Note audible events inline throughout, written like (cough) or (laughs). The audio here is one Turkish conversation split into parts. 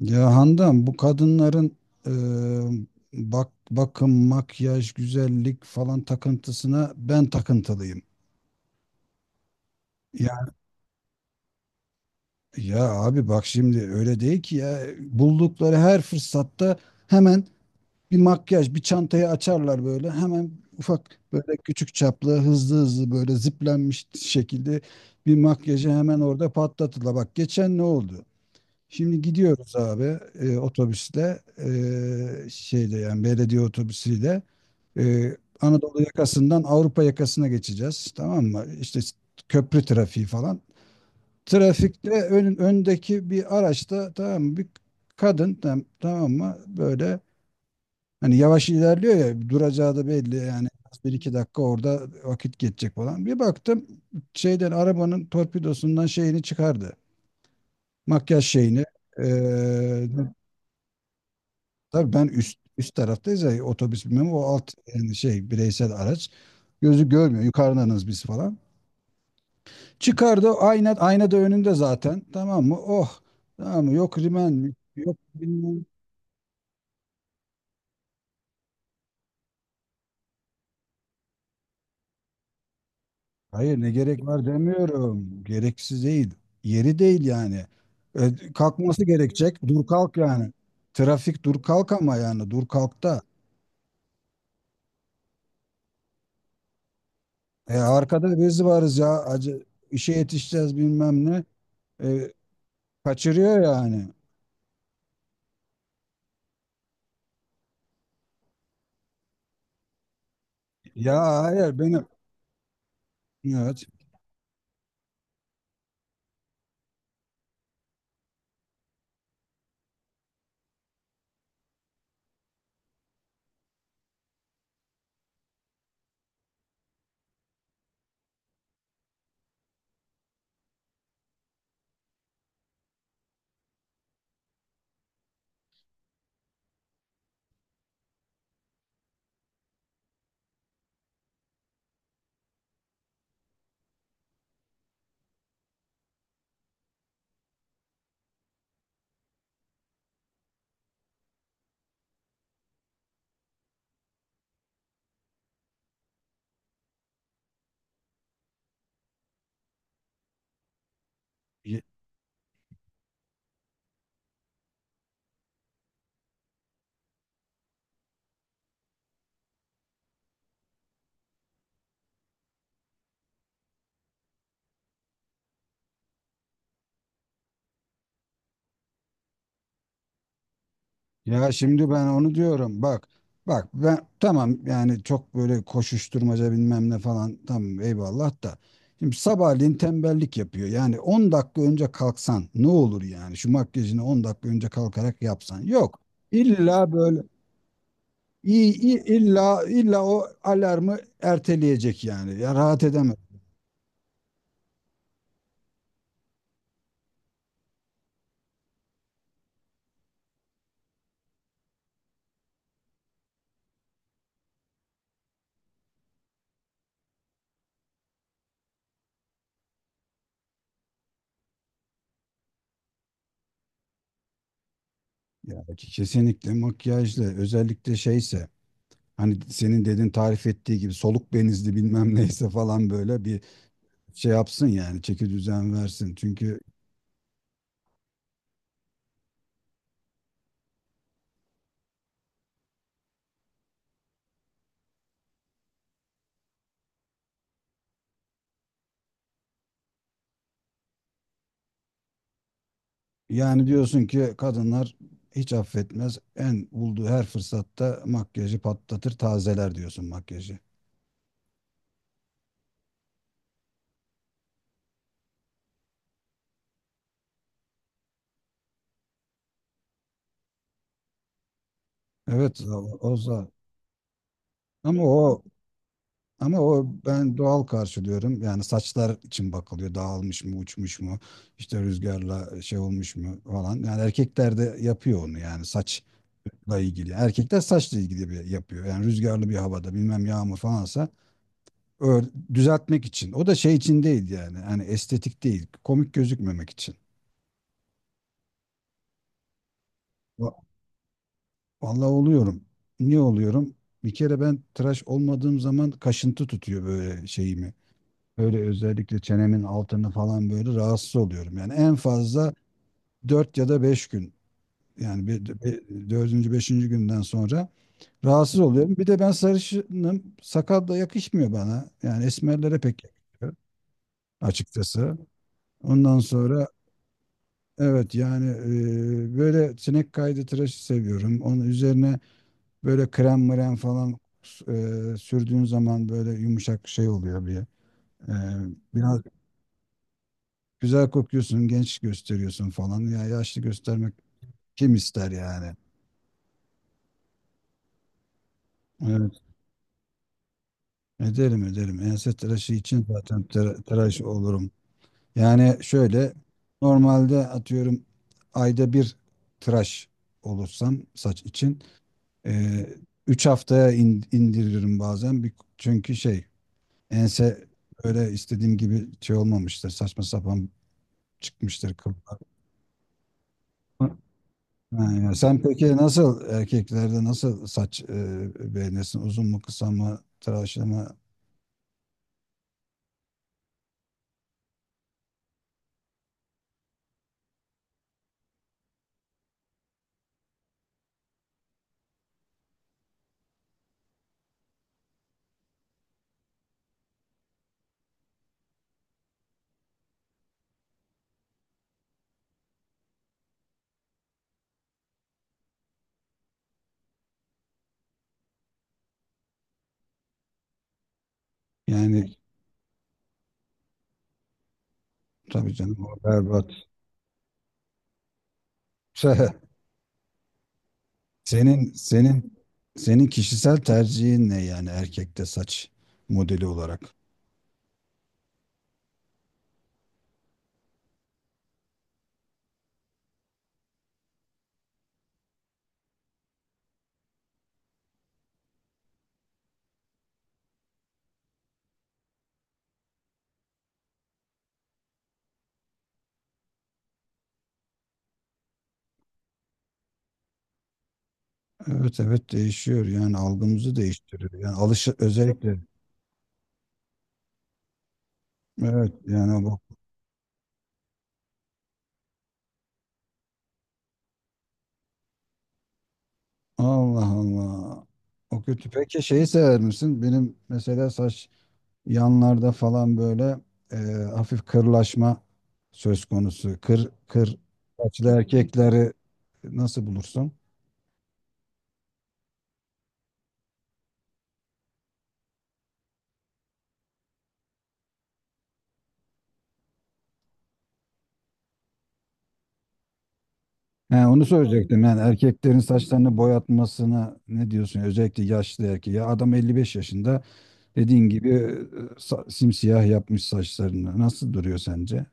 Ya Handan bu kadınların e, bak bakım, makyaj, güzellik falan takıntısına ben takıntılıyım. Ya ya abi bak şimdi öyle değil ki ya buldukları her fırsatta hemen bir makyaj, bir çantayı açarlar böyle hemen ufak böyle küçük çaplı hızlı hızlı böyle ziplenmiş şekilde bir makyajı hemen orada patlatırlar. Bak geçen ne oldu? Şimdi gidiyoruz abi, otobüsle, şeyde yani belediye otobüsüyle. Anadolu yakasından Avrupa yakasına geçeceğiz. Tamam mı? İşte köprü trafiği falan. Trafikte öndeki bir araçta, tamam mı? Bir kadın, tamam mı? Böyle hani yavaş ilerliyor ya, duracağı da belli yani bir iki dakika orada vakit geçecek falan. Bir baktım şeyden, arabanın torpidosundan şeyini çıkardı. Makyaj şeyini. Ee, tabii ben üst taraftayız ya otobüs, bilmem, o alt yani şey bireysel araç. Gözü görmüyor. Yukarıdanız biz falan. Çıkardı ayna, ayna da önünde zaten. Tamam mı? Oh. Tamam mı? Yok rimen mi? Yok bilmem. Hayır, ne gerek var demiyorum. Gereksiz değil. Yeri değil yani. E, kalkması gerekecek. Dur kalk yani. Trafik dur kalk ama yani dur kalk da. E, arkada biz varız ya. Acı, işe yetişeceğiz bilmem ne. E, kaçırıyor yani. Ya hayır, benim. Evet. Ya şimdi ben onu diyorum. Bak, ben tamam yani çok böyle koşuşturmaca bilmem ne falan tamam eyvallah da. Şimdi sabahleyin tembellik yapıyor. Yani 10 dakika önce kalksan ne olur yani? Şu makyajını 10 dakika önce kalkarak yapsan. Yok. İlla böyle illa o alarmı erteleyecek yani. Ya rahat edemez. Ya ki kesinlikle makyajlı, özellikle şeyse hani senin dedin tarif ettiği gibi soluk benizli bilmem neyse falan, böyle bir şey yapsın yani çeki düzen versin. Çünkü yani diyorsun ki kadınlar hiç affetmez. En bulduğu her fırsatta makyajı patlatır, tazeler diyorsun makyajı. Evet. O, o za- ama o ama o ben doğal karşılıyorum. Yani saçlar için bakılıyor. Dağılmış mı, uçmuş mu, işte rüzgarla şey olmuş mu falan. Yani erkekler de yapıyor onu, yani saçla ilgili. Erkekler saçla ilgili bir yapıyor. Yani rüzgarlı bir havada bilmem yağmur falansa, ör- düzeltmek için. O da şey için değil yani. Hani estetik değil. Komik gözükmemek için. Va- Vallahi oluyorum. Niye oluyorum? Bir kere ben tıraş olmadığım zaman kaşıntı tutuyor böyle şeyimi. Böyle özellikle çenemin altını falan böyle rahatsız oluyorum. Yani en fazla 4 ya da 5 gün. Yani 4. 5. günden sonra rahatsız oluyorum. Bir de ben sarışınım. Sakal da yakışmıyor bana. Yani esmerlere pek yakışıyor açıkçası. Ondan sonra evet yani, böyle sinek kaydı tıraşı seviyorum. Onun üzerine böyle krem mrem falan sürdüğün zaman böyle yumuşak şey oluyor bir. E, biraz güzel kokuyorsun, genç gösteriyorsun falan. Ya yaşlı göstermek kim ister yani? Evet. Ederim, ederim. Ense tıraşı için zaten tıraş olurum. Yani şöyle normalde atıyorum ayda bir tıraş olursam saç için, ee, üç haftaya indiririm bazen. Bir, çünkü şey ense öyle istediğim gibi şey olmamıştır. Saçma sapan çıkmıştır kıllar. Ha, ya sen peki nasıl, erkeklerde nasıl saç beğenirsin? Uzun mu, kısa mı, tıraşlı mı? Yani tabii canım, o berbat. (laughs) Senin senin senin kişisel tercihin ne yani, erkekte saç modeli olarak? Evet evet değişiyor yani, algımızı değiştiriyor. Yani alış özellikle evet yani bu Allah Allah. O kötü. Peki şeyi sever misin? Benim mesela saç yanlarda falan böyle e, hafif kırlaşma söz konusu. Kır saçlı erkekleri nasıl bulursun? He, onu söyleyecektim. Yani erkeklerin saçlarını boyatmasına ne diyorsun? Özellikle yaşlı erkeği. Ya adam 55 yaşında, dediğin gibi, simsiyah yapmış saçlarını. Nasıl duruyor sence?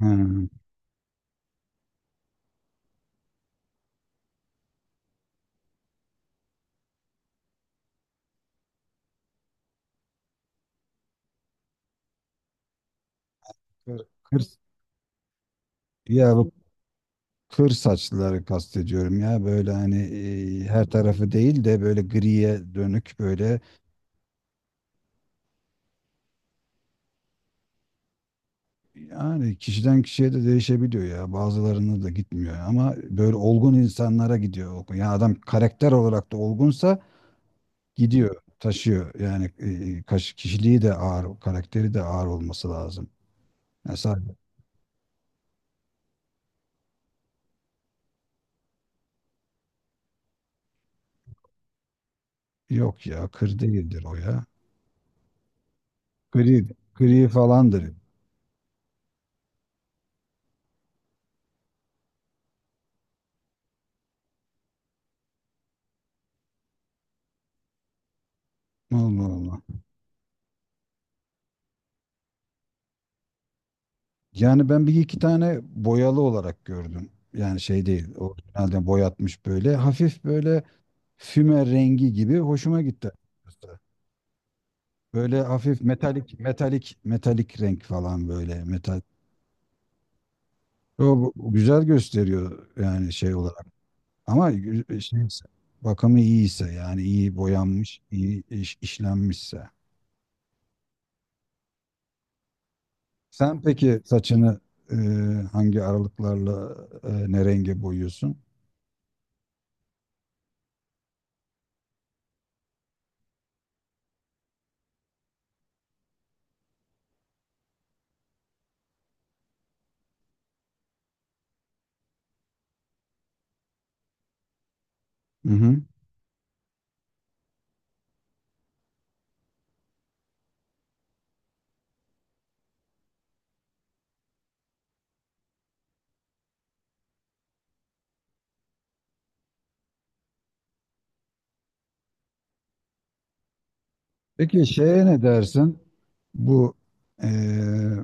Hı. Kır, kır- ya bu kır saçlıları kastediyorum ya böyle hani her tarafı değil de böyle griye dönük böyle, yani kişiden kişiye de değişebiliyor ya, bazılarına da gitmiyor ama böyle olgun insanlara gidiyor ya, yani adam karakter olarak da olgunsa gidiyor, taşıyor yani. Kişiliği de ağır, karakteri de ağır olması lazım mesela. Yok ya, kır değildir o ya, gri gri falandır. Allah Allah. Yani ben bir iki tane boyalı olarak gördüm. Yani şey değil, orijinalden boyatmış böyle. Hafif böyle füme rengi gibi, hoşuma gitti. Böyle hafif metalik renk falan, böyle metal. O, güzel gösteriyor yani şey olarak. Ama şeyse, bakımı iyiyse yani iyi boyanmış, iyi işlenmişse. Sen peki saçını, e, hangi aralıklarla, ne renge boyuyorsun? Hı hı. Peki şeye ne dersin? Bu, eee,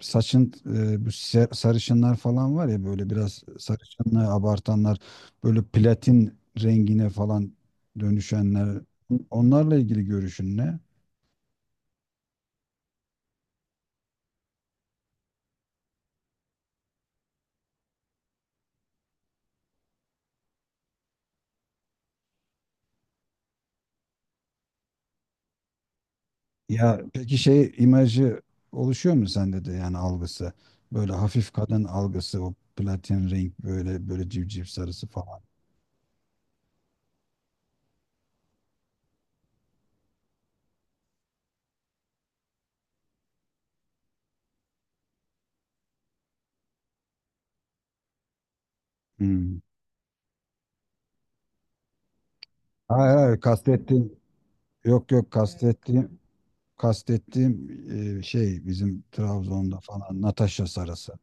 saçın, sarışınlar falan var ya, böyle biraz sarışınlığı abartanlar, böyle platin rengine falan dönüşenler, onlarla ilgili görüşün ne? Ya peki şey imajı oluşuyor mu sende de, yani algısı? Böyle hafif kadın algısı, o platin renk, böyle böyle civciv sarısı falan. Hmm. Hayır hayır kastettiğim yok yok kastettiğim Kastettiğim, şey, bizim Trabzon'da falan Natasha Sarası.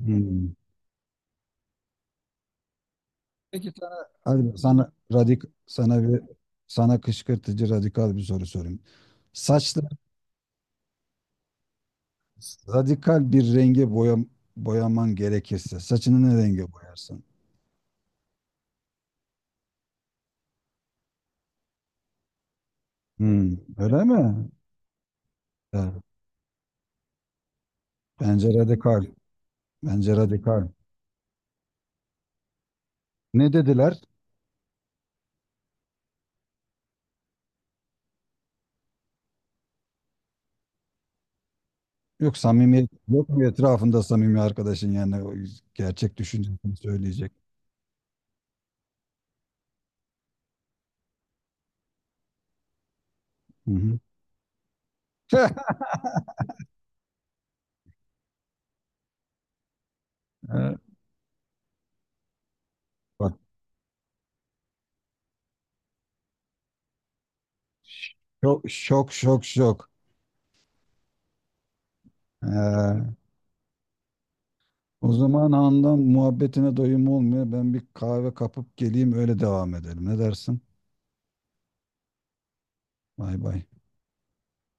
Hmm. Peki sana, hadi bak sana radik sana bir sana kışkırtıcı radikal bir soru sorayım. Saçları radikal bir renge boya, boyaman gerekirse saçını ne renge boyarsın? Hmm, öyle mi? Ya, bence radikal. Bence radikal. Ne dediler? Yok samimiyet yok mu etrafında, samimi arkadaşın yani, o gerçek düşüncesini söyleyecek. Hı hı. (laughs) Evet. Şok şok şok şok. Ee, o zaman andan muhabbetine doyum olmuyor. Ben bir kahve kapıp geleyim, öyle devam edelim. Ne dersin? Bay bay.